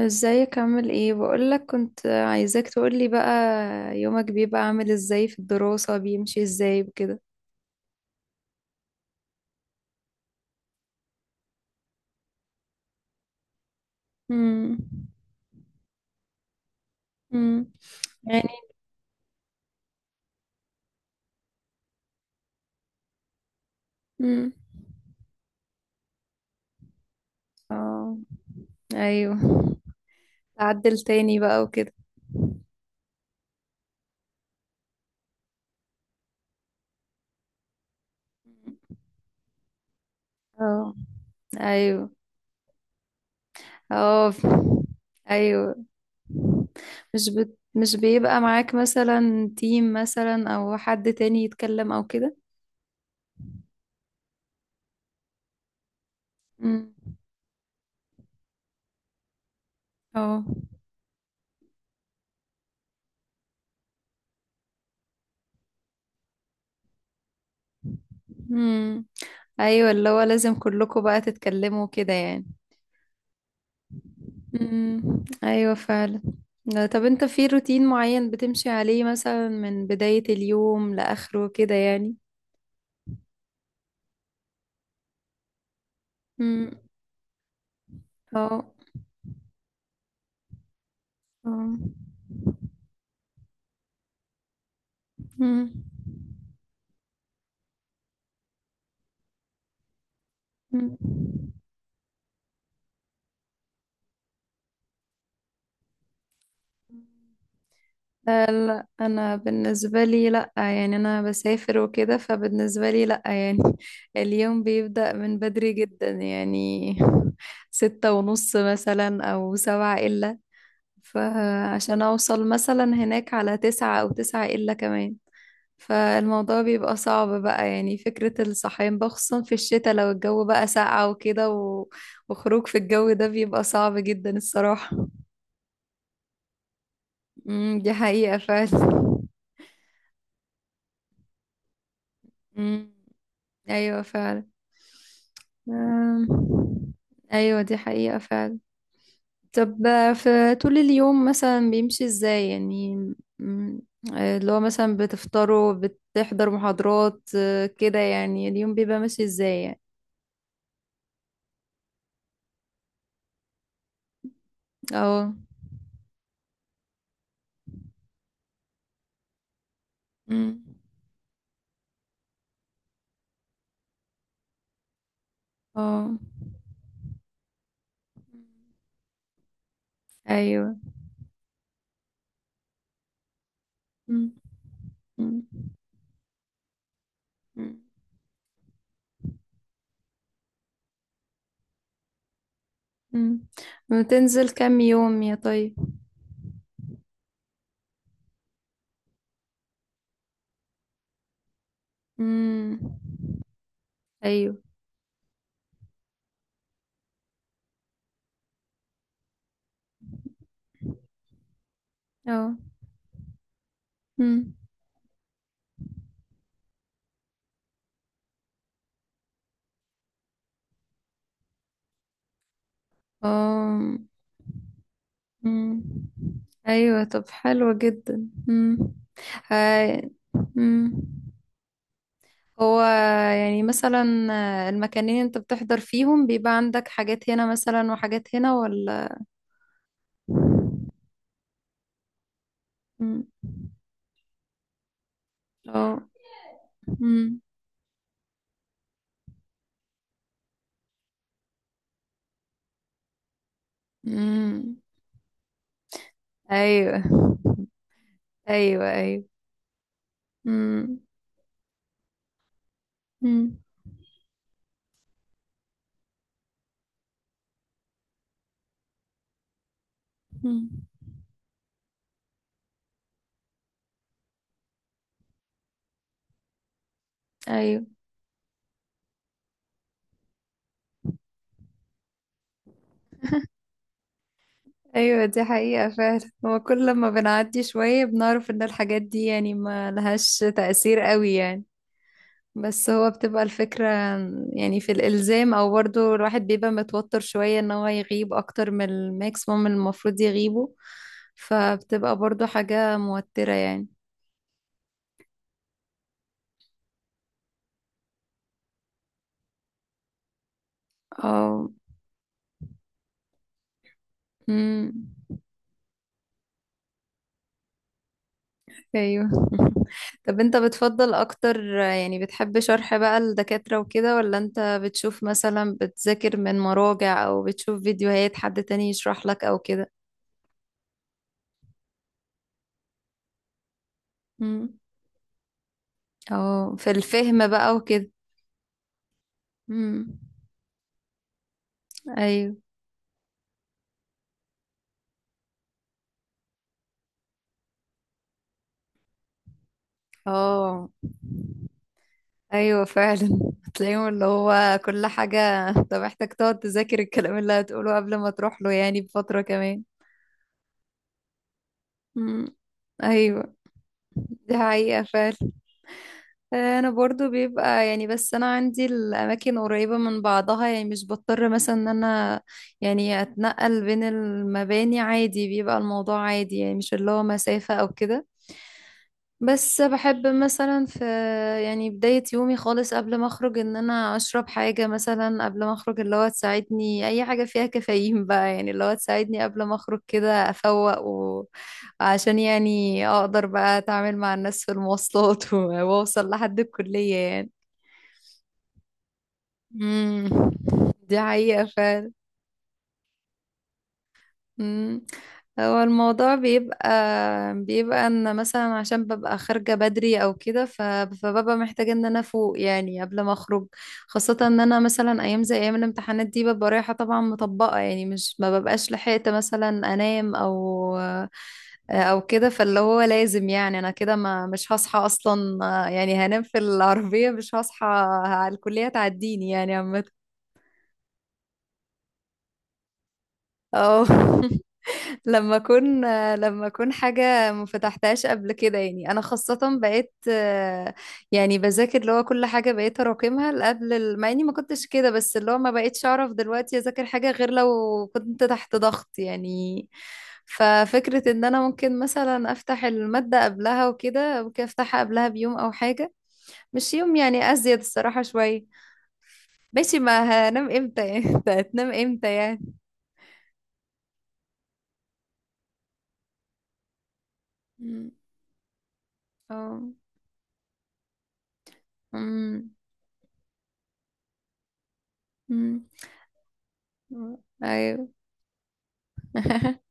ازيك، عامل ايه؟ بقولك، كنت عايزاك تقولي بقى. يومك بيبقى عامل ازاي؟ في الدراسة بيمشي ازاي بكده؟ امم. امم. يعني. امم. اه. ايوه. تعدل تاني بقى وكده؟ اه. ايوه. اه. ايوه. مش بيبقى معاك مثلا تيم، مثلا او حد تاني يتكلم او كده؟ امم. اه. امم. ايوه، اللي هو لازم كلكم بقى تتكلموا كده يعني. امم. ايوه فعلا. لا، طب انت في روتين معين بتمشي عليه مثلا من بداية اليوم لآخره كده يعني؟ امم. اه. اه. امم. امم. لا لا، انا بالنسبة لي لا يعني، انا بسافر وكده، فبالنسبة لي لا يعني. اليوم بيبدأ من بدري جدا يعني، 6:30 مثلا او سبعة الا. فعشان اوصل مثلا هناك على 9 او 9 الا كمان. فالموضوع بيبقى صعب بقى، يعني فكرة الصحيان بقى، خصوصا في الشتاء لو الجو بقى ساقع وكده وخروج في الجو ده بيبقى صعب جدا الصراحة. امم، دي حقيقة فعلا. امم. ايوه فعلا. أم. ايوه، دي حقيقة فعلا. طب، في طول اليوم مثلا بيمشي ازاي يعني؟ أمم. اللي هو مثلا بتفطروا، بتحضر محاضرات، كده يعني اليوم بيبقى ماشي ازاي يعني؟ اه. أمم. اه. ايوه. مم. مم. مم. مم. بتنزل كام يوم يا طيب؟ مم. ايوه. اه. مم. اه. مم. ايوه، طب حلوة جدا. مم. هاي. مم. هو، يعني مثلا المكانين انت بتحضر فيهم بيبقى عندك حاجات هنا مثلا وحاجات هنا ولا؟ مم. اه. مم. مم. ايوه، ايوه، ايوه. مم. مم. مم. ايوه، ايوه، دي حقيقة فعلا. هو كل لما بنعدي شوية بنعرف ان الحاجات دي يعني ما لهاش تأثير قوي يعني. بس هو بتبقى الفكرة، يعني في الإلزام، او برضو الواحد بيبقى متوتر شوية ان هو يغيب اكتر من الماكسيموم اللي المفروض يغيبه. فبتبقى برضو حاجة موترة يعني. اه. ايوه. طب انت بتفضل اكتر يعني، بتحب شرح بقى الدكاترة وكده، ولا انت بتشوف مثلا، بتذاكر من مراجع او بتشوف فيديوهات حد تاني يشرح لك او كده؟ امم. اه، في الفهم بقى وكده. امم. ايوه. اه، ايوه فعلا. هتلاقيهم اللي هو كل حاجة انت محتاج تقعد تذاكر الكلام اللي هتقوله قبل ما تروح له، يعني بفترة كمان. امم. ايوه، دي حقيقة فعلا. آه، انا برضو بيبقى يعني، بس انا عندي الاماكن قريبة من بعضها يعني، مش بضطر مثلا ان انا يعني اتنقل بين المباني. عادي، بيبقى الموضوع عادي يعني، مش اللي هو مسافة او كده. بس بحب مثلا، في يعني بداية يومي خالص قبل ما اخرج، ان انا اشرب حاجة مثلا قبل ما اخرج، اللي هو تساعدني، اي حاجة فيها كافيين بقى يعني، اللي هو تساعدني قبل ما اخرج كده افوق. وعشان يعني اقدر بقى اتعامل مع الناس في المواصلات، واوصل لحد الكلية يعني. امم، دي حقيقة فعلا. مم. هو الموضوع بيبقى، ان مثلا عشان ببقى خارجة بدري او كده، فببقى محتاجة ان انا افوق يعني قبل ما اخرج. خاصة ان انا مثلا ايام زي ايام الامتحانات دي ببقى رايحة طبعا مطبقة، يعني مش ما ببقاش لحقت مثلا انام او او كده، فاللي هو لازم يعني، انا كده ما مش هصحى اصلا. يعني هنام في العربية مش هصحى على الكلية، تعديني يعني عامة. اه. لما اكون، حاجه ما فتحتهاش قبل كده، يعني انا خاصه بقيت، يعني بذاكر اللي هو كل حاجه بقيت اراكمها قبل مع اني ما كنتش كده، بس اللي هو ما بقيتش اعرف دلوقتي اذاكر حاجه غير لو كنت تحت ضغط يعني. ففكره ان انا ممكن مثلا افتح الماده قبلها وكده، ممكن افتحها قبلها بيوم او حاجه، مش يوم يعني، ازيد الصراحه شويه. ماشي، ما هنام امتى يعني؟ هتنام امتى يعني؟ مم. اه. مم. مم. مم. ايوه.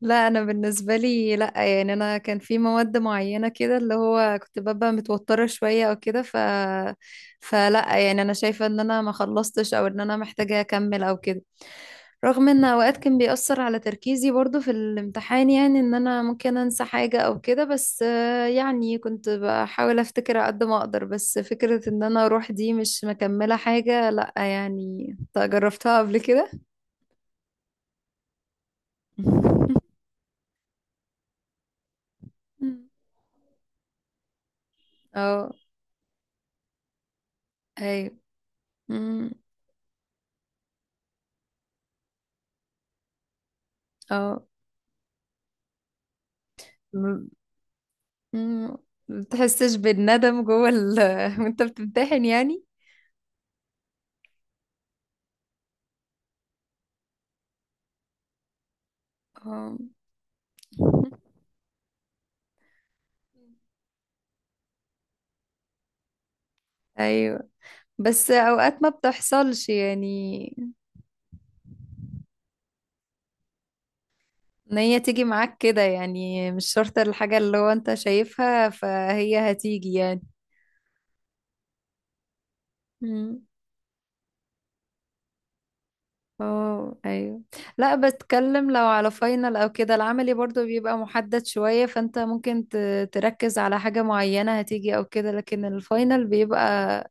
لا، انا بالنسبه لي لا يعني، انا كان في مواد معينه كده اللي هو كنت ببقى متوتره شويه او كده، فلا يعني، انا شايفه ان انا ما خلصتش او ان انا محتاجه اكمل او كده، رغم ان اوقات كان بيأثر على تركيزي برضو في الامتحان، يعني ان انا ممكن انسى حاجه او كده، بس يعني كنت بحاول افتكر على قد ما اقدر، بس فكره ان انا اروح دي مش مكمله حاجه، لا يعني. إنت جربتها قبل كده؟ اه. ايوه. مم. اه. م- مم. ما بتحسش بالندم جوه ال وانت بتمتحن يعني؟ اه. ايوه، بس اوقات ما بتحصلش يعني، ان هي تيجي معاك كده يعني، مش شرط الحاجة اللي هو انت شايفها فهي هتيجي يعني. مم. اه. ايوه. لا، بتكلم لو على فاينل او كده، العملي برضو بيبقى محدد شوية، فانت ممكن تركز على حاجة معينة هتيجي او كده، لكن الفاينل بيبقى،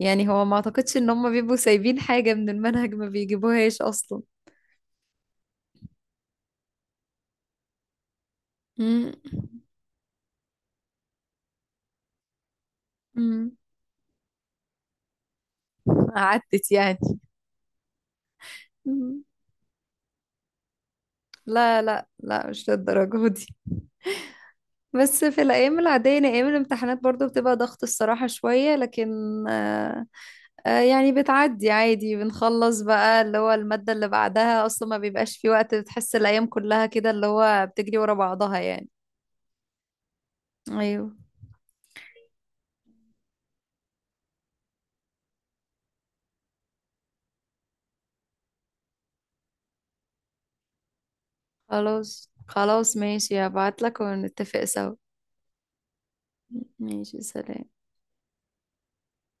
يعني هو ما اعتقدش ان هم بيبقوا سايبين حاجة من المنهج ما بيجيبوهاش اصلا. مم. مم. عدت يعني؟ مم. لا، لا، لا، مش للدرجة دي. بس في الأيام العادية، يعني أيام الامتحانات برضو بتبقى ضغط الصراحة شوية، لكن آه، آه، يعني بتعدي عادي. بنخلص بقى اللي هو المادة اللي بعدها، أصلا ما بيبقاش في وقت، بتحس الأيام كلها كده اللي هو بتجري ورا بعضها يعني. أيوه. خلاص، خلاص، ماشي، هبعتلك ونتفق سوا. ماشي، سلام.